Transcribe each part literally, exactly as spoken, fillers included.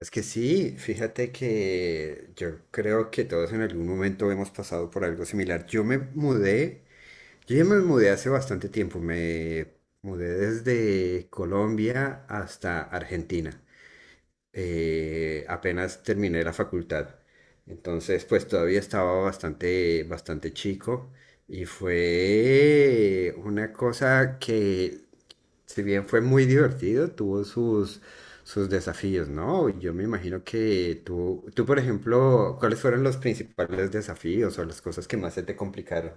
Es que sí, fíjate que yo creo que todos en algún momento hemos pasado por algo similar. Yo me mudé, yo ya me mudé hace bastante tiempo, me mudé desde Colombia hasta Argentina eh, apenas terminé la facultad. Entonces, pues todavía estaba bastante, bastante chico y fue una cosa que, si bien fue muy divertido, tuvo sus, sus desafíos, ¿no? Yo me imagino que tú, tú, por ejemplo, ¿cuáles fueron los principales desafíos o las cosas que más se te complicaron?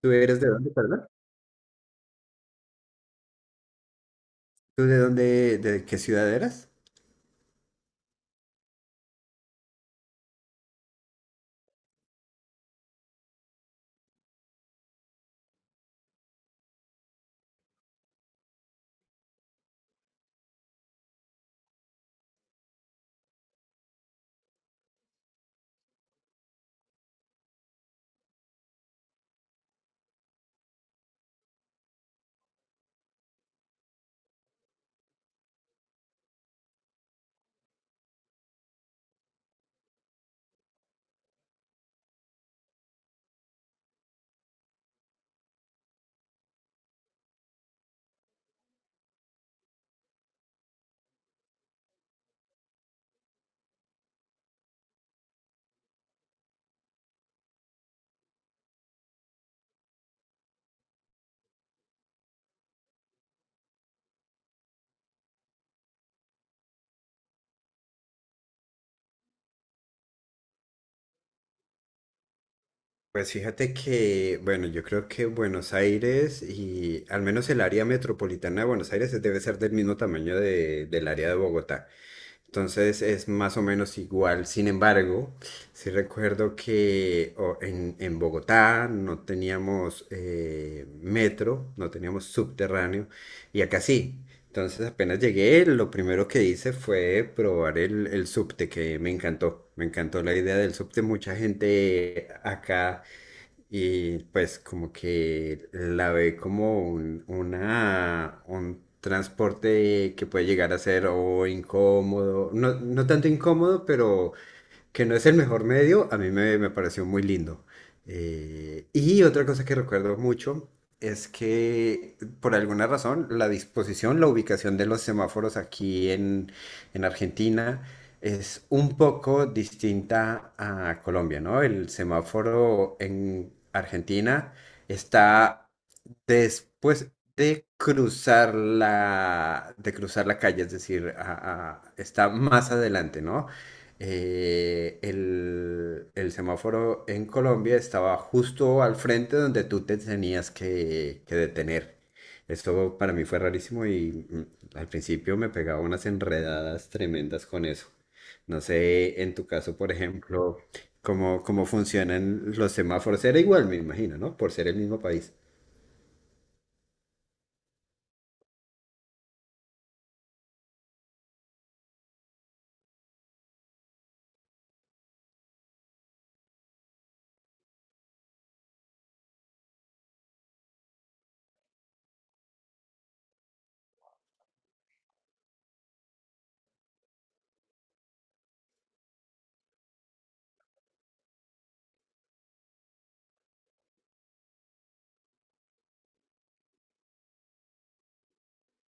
¿Tú eres de dónde, perdón? ¿Tú de dónde, de qué ciudad eras? Pues fíjate que, bueno, yo creo que Buenos Aires y al menos el área metropolitana de Buenos Aires debe ser del mismo tamaño de- del área de Bogotá. Entonces es más o menos igual. Sin embargo, sí recuerdo que o, en, en Bogotá no teníamos eh, metro, no teníamos subterráneo y acá sí. Entonces apenas llegué, lo primero que hice fue probar el, el subte, que me encantó. Me encantó la idea del subte. Mucha gente acá y pues como que la ve como un, una, un transporte que puede llegar a ser o incómodo, no, no tanto incómodo, pero que no es el mejor medio. A mí me, me pareció muy lindo. Eh, y otra cosa que recuerdo mucho es que por alguna razón la disposición, la ubicación de los semáforos aquí en, en Argentina es un poco distinta a Colombia, ¿no? El semáforo en Argentina está después de cruzar la, de cruzar la calle, es decir, a- a- está más adelante, ¿no? Eh, el, el semáforo en Colombia estaba justo al frente donde tú te tenías que, que detener. Esto para mí fue rarísimo y, mm, al principio me pegaba unas enredadas tremendas con eso. No sé, en tu caso, por ejemplo, cómo, cómo funcionan los semáforos. Era igual, me imagino, ¿no? Por ser el mismo país.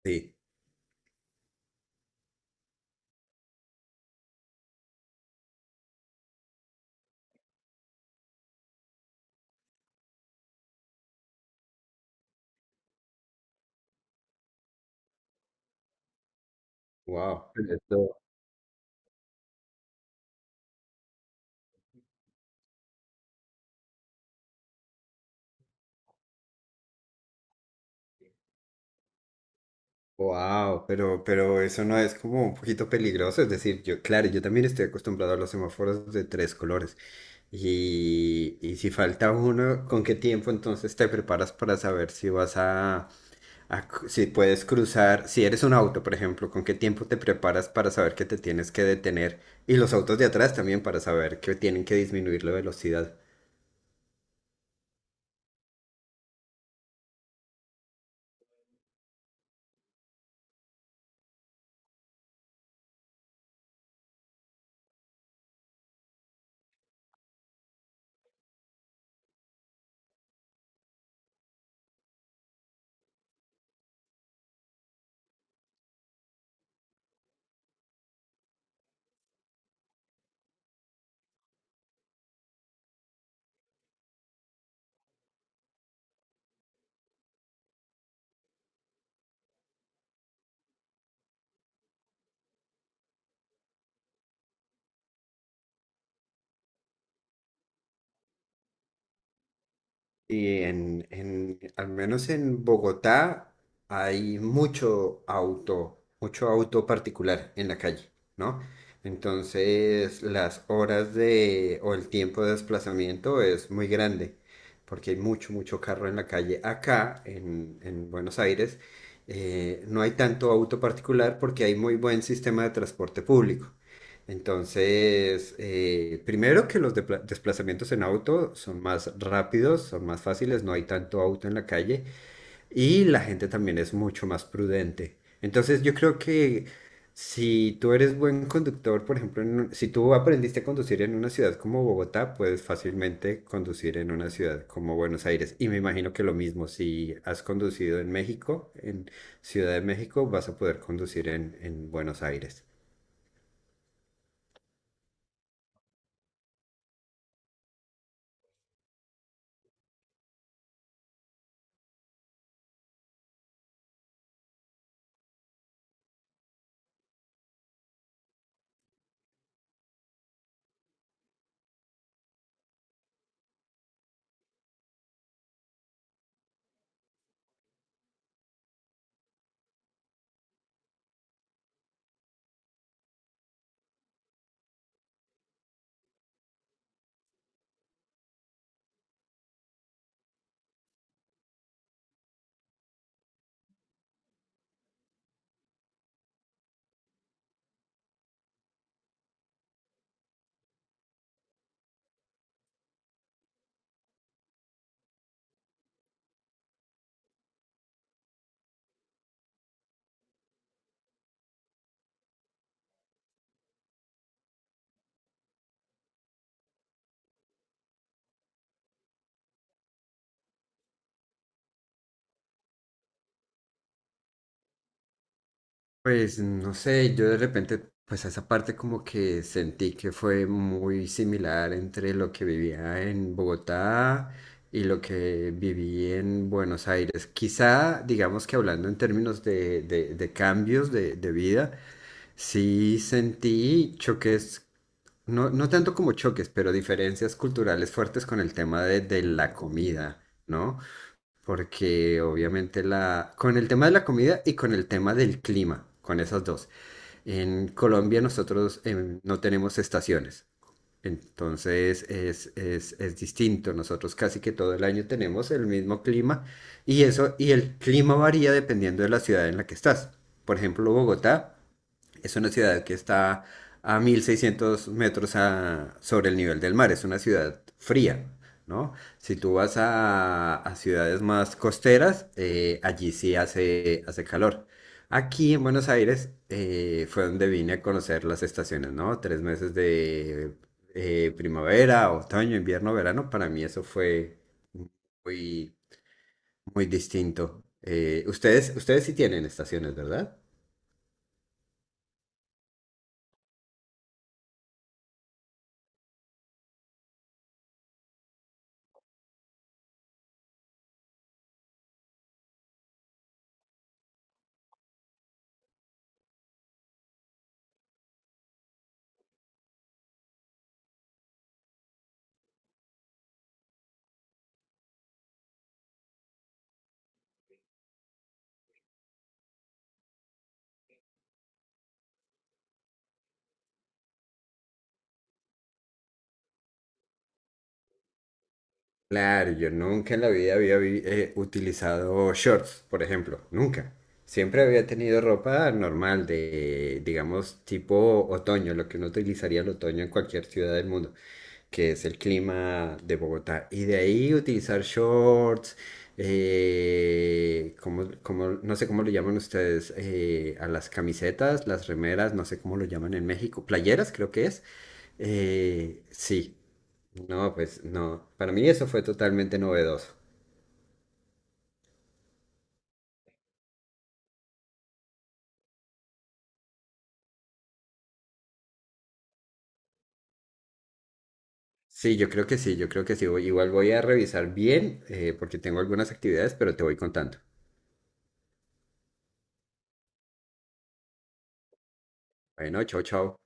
Sí. Wow. Eso- Wow, pero, pero eso no es como un poquito peligroso. Es decir, yo, claro, yo también estoy acostumbrado a los semáforos de tres colores. Y, y si falta uno, ¿con qué tiempo entonces te preparas para saber si vas a, a cru- si puedes cruzar? Si eres un auto, por ejemplo, ¿con qué tiempo te preparas para saber que te tienes que detener? Y los autos de atrás también para saber que tienen que disminuir la velocidad. Y en, en- al menos en Bogotá hay mucho auto, mucho auto particular en la calle, ¿no? Entonces las horas de o el tiempo de desplazamiento es muy grande porque hay mucho, mucho carro en la calle. Acá en, en Buenos Aires eh, no hay tanto auto particular porque hay muy buen sistema de transporte público. Entonces, eh, primero que los depla- desplazamientos en auto son más rápidos, son más fáciles, no hay tanto auto en la calle y la gente también es mucho más prudente. Entonces, yo creo que si tú eres buen conductor, por ejemplo, en un- si tú aprendiste a conducir en una ciudad como Bogotá, puedes fácilmente conducir en una ciudad como Buenos Aires. Y me imagino que lo mismo, si has conducido en México, en Ciudad de México, vas a poder conducir en en Buenos Aires. Pues no sé, yo de repente, pues a esa parte como que sentí que fue muy similar entre lo que vivía en Bogotá y lo que viví en Buenos Aires. Quizá, digamos que hablando en términos de, de- de cambios de, de vida, sí sentí choques, no, no tanto como choques, pero diferencias culturales fuertes con el tema de, de la comida, ¿no? Porque obviamente la, con el tema de la comida y con el tema del clima, con esas dos. En Colombia nosotros em, no tenemos estaciones, entonces es, es, es distinto. Nosotros casi que todo el año tenemos el mismo clima y eso, y el clima varía dependiendo de la ciudad en la que estás. Por ejemplo, Bogotá. Es una ciudad que está a mil seiscientos metros a- sobre el nivel del mar. Es una ciudad fría, ¿no? Si tú vas a, a ciudades más costeras, eh, allí sí hace, hace calor. Aquí en Buenos Aires eh, fue donde vine a conocer las estaciones, ¿no? Tres meses de eh, primavera, otoño, invierno, verano. Para mí eso fue muy, muy distinto. Eh, ustedes, ustedes sí tienen estaciones, ¿verdad? Claro, yo nunca en la vida había vi- eh, utilizado shorts, por ejemplo, nunca. Siempre había tenido ropa normal de, digamos, tipo otoño, lo que uno utilizaría el otoño en cualquier ciudad del mundo, que es el clima de Bogotá. Y de ahí utilizar shorts, eh, como, como, no sé cómo lo llaman ustedes, eh, a las camisetas, las remeras, no sé cómo lo llaman en México, playeras creo que es. Eh, sí, no, pues no. Para mí eso fue totalmente novedoso. Sí, yo creo que sí, yo creo que sí. Voy- Igual voy a revisar bien, eh, porque tengo algunas actividades, pero te voy contando. Bueno, chao, chao.